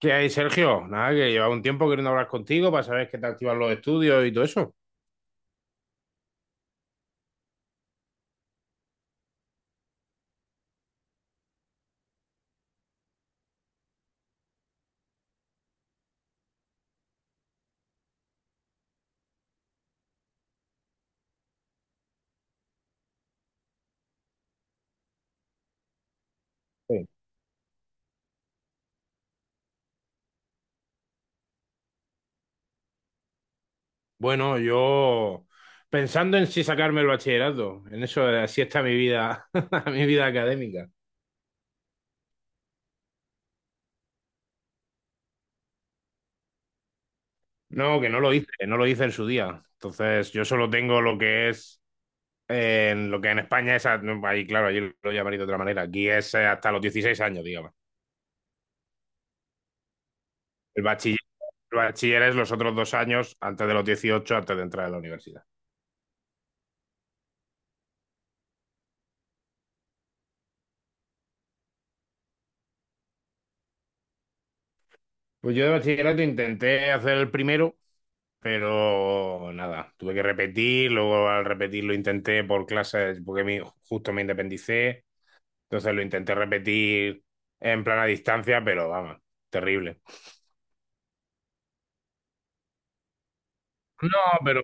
¿Qué hay, Sergio? Nada, que llevaba un tiempo queriendo hablar contigo para saber qué te activan los estudios y todo eso. Sí. Bueno, yo pensando en si sacarme el bachillerato, en eso, así está mi vida, mi vida académica. No, que no lo hice, no lo hice en su día. Entonces, yo solo tengo lo que es, en lo que en España es, ahí claro, allí lo llamaré de otra manera. Aquí es, hasta los 16 años, digamos. El bachiller, el bachiller es los otros 2 años antes de los 18, antes de entrar a la universidad. Pues yo de bachillerato intenté hacer el primero, pero nada, tuve que repetir, luego al repetir lo intenté por clases, porque justo me independicé, entonces lo intenté repetir en plan a distancia, pero vamos, terrible. No, pero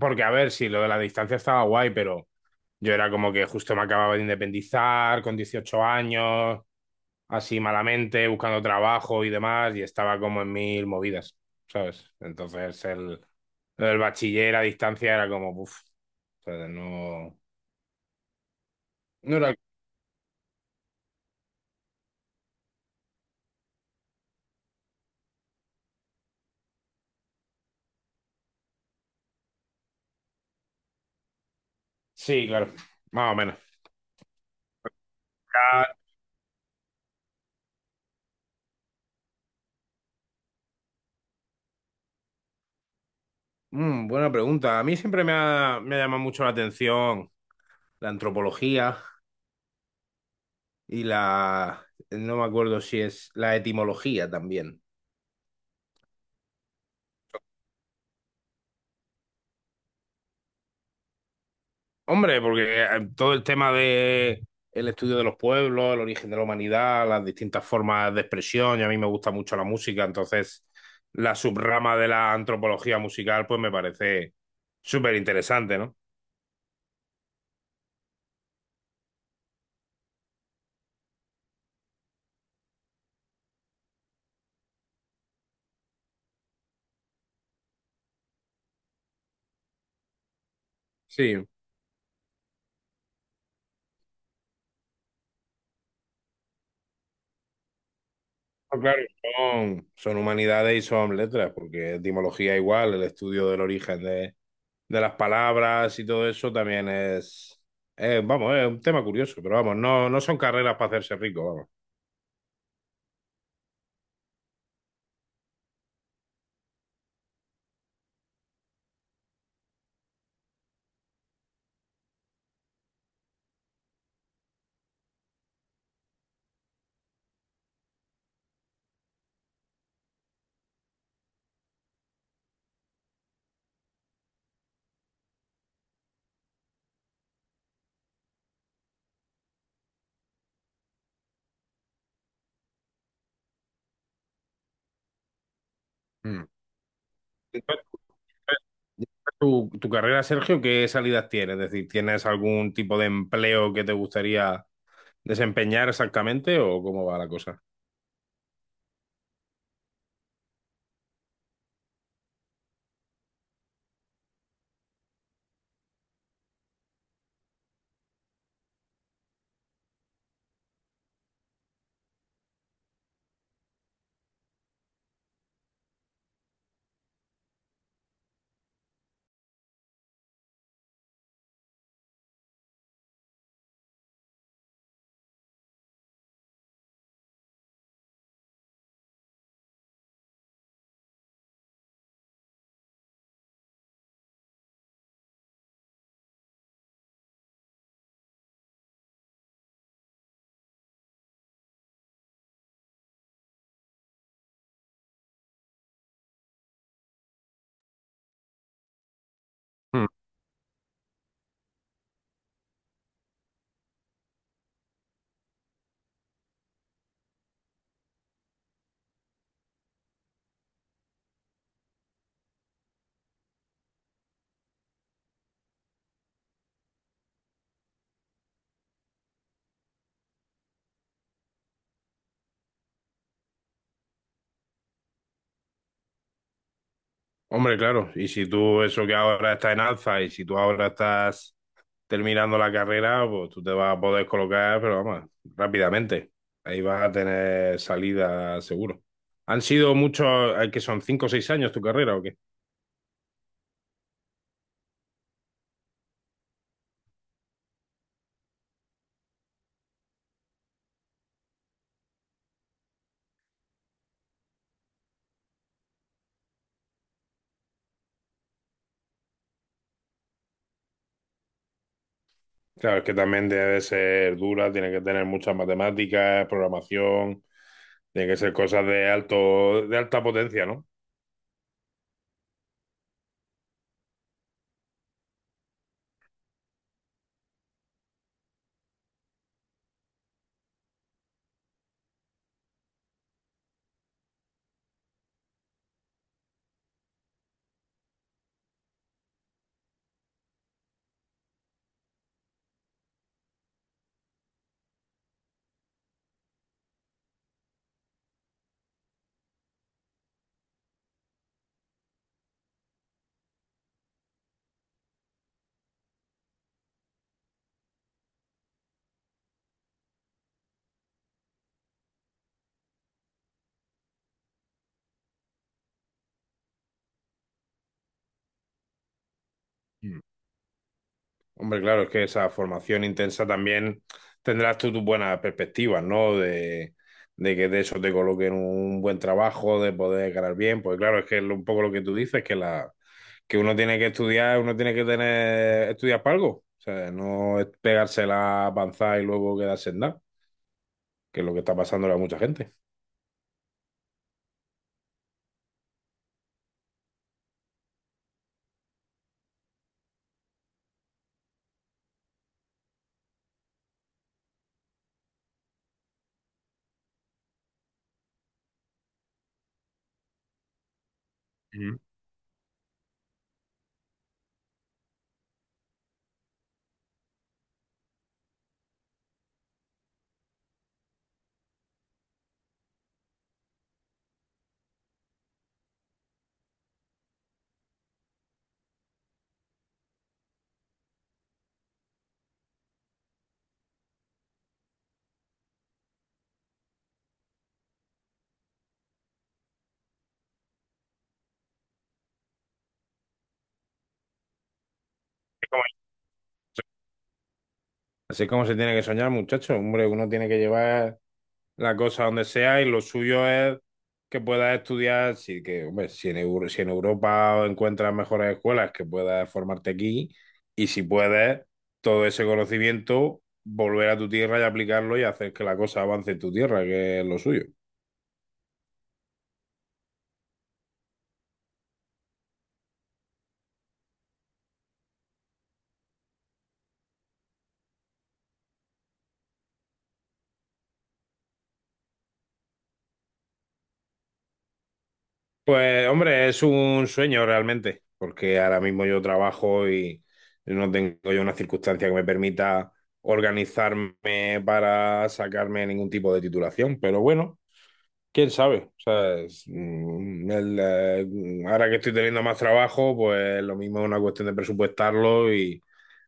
porque a ver, si lo de la distancia estaba guay, pero yo era como que justo me acababa de independizar con 18 años, así malamente, buscando trabajo y demás, y estaba como en mil movidas, ¿sabes? Entonces lo del bachiller a distancia era como, uff, no. No era. Sí, claro, más o menos. Ah, buena pregunta. A mí siempre me ha llamado mucho la atención la antropología y la. No me acuerdo si es la etimología también. Hombre, porque todo el tema de el estudio de los pueblos, el origen de la humanidad, las distintas formas de expresión, y a mí me gusta mucho la música, entonces la subrama de la antropología musical pues me parece súper interesante, ¿no? Sí. No, claro, son humanidades y son letras, porque etimología igual, el estudio del origen de las palabras y todo eso también es, vamos, es un tema curioso, pero vamos, no, no son carreras para hacerse rico, vamos. Mm. Entonces, tu carrera, Sergio, qué salidas tienes? Es decir, ¿tienes algún tipo de empleo que te gustaría desempeñar exactamente o cómo va la cosa? Hombre, claro, y si tú eso que ahora está en alza y si tú ahora estás terminando la carrera, pues tú te vas a poder colocar, pero vamos, rápidamente. Ahí vas a tener salida seguro. ¿Han sido muchos, que son 5 o 6 años tu carrera o qué? Claro, es que también debe ser dura, tiene que tener muchas matemáticas, programación, tiene que ser cosas de alto, de alta potencia, ¿no? Hombre, claro, es que esa formación intensa también tendrás tú tus buenas perspectivas, ¿no? De que de eso te coloquen un buen trabajo, de poder ganar bien, pues claro, es que es un poco lo que tú dices, que la que uno tiene que estudiar, uno tiene que tener estudiar para algo, o sea, no es pegársela, avanzar y luego quedarse en nada, que es lo que está pasando a mucha gente. Ujú. Así es como se tiene que soñar, muchachos, hombre, uno tiene que llevar la cosa donde sea y lo suyo es que puedas estudiar, si, que, hombre, si, si en Europa encuentras mejores escuelas, que puedas formarte aquí y si puedes, todo ese conocimiento, volver a tu tierra y aplicarlo y hacer que la cosa avance en tu tierra, que es lo suyo. Pues hombre, es un sueño realmente, porque ahora mismo yo trabajo y no tengo yo una circunstancia que me permita organizarme para sacarme ningún tipo de titulación, pero bueno. Quién sabe. O sea, ahora que estoy teniendo más trabajo, pues lo mismo es una cuestión de presupuestarlo y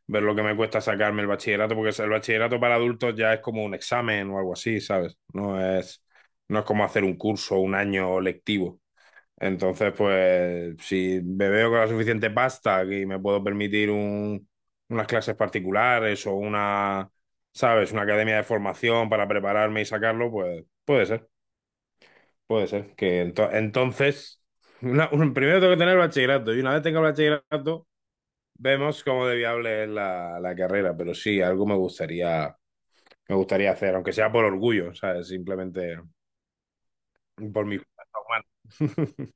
ver lo que me cuesta sacarme el bachillerato, porque el bachillerato para adultos ya es como un examen o algo así, ¿sabes? No es como hacer un curso, un año lectivo. Entonces, pues, si me veo con la suficiente pasta y me puedo permitir unas clases particulares o ¿sabes? Una academia de formación para prepararme y sacarlo, pues puede ser. Puede ser que entonces, primero tengo que tener bachillerato y una vez tenga bachillerato, vemos cómo de viable es la carrera, pero sí, algo me gustaría, hacer, aunque sea por orgullo, ¿sabes? Simplemente por mi cuenta humana.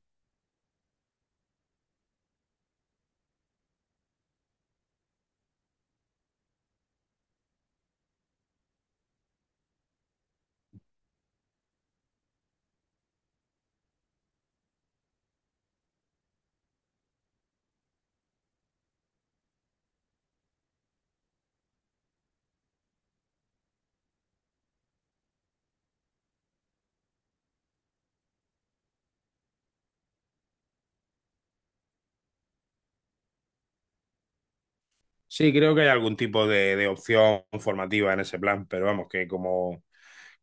Sí, creo que hay algún tipo de opción formativa en ese plan, pero vamos, que como,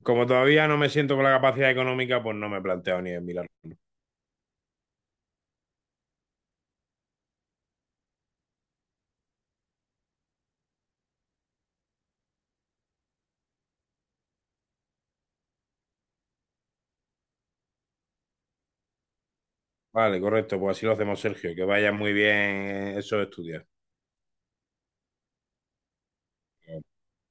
como todavía no me siento con la capacidad económica, pues no me he planteado ni en mirarlo. Vale, correcto, pues así lo hacemos, Sergio, que vaya muy bien esos estudios.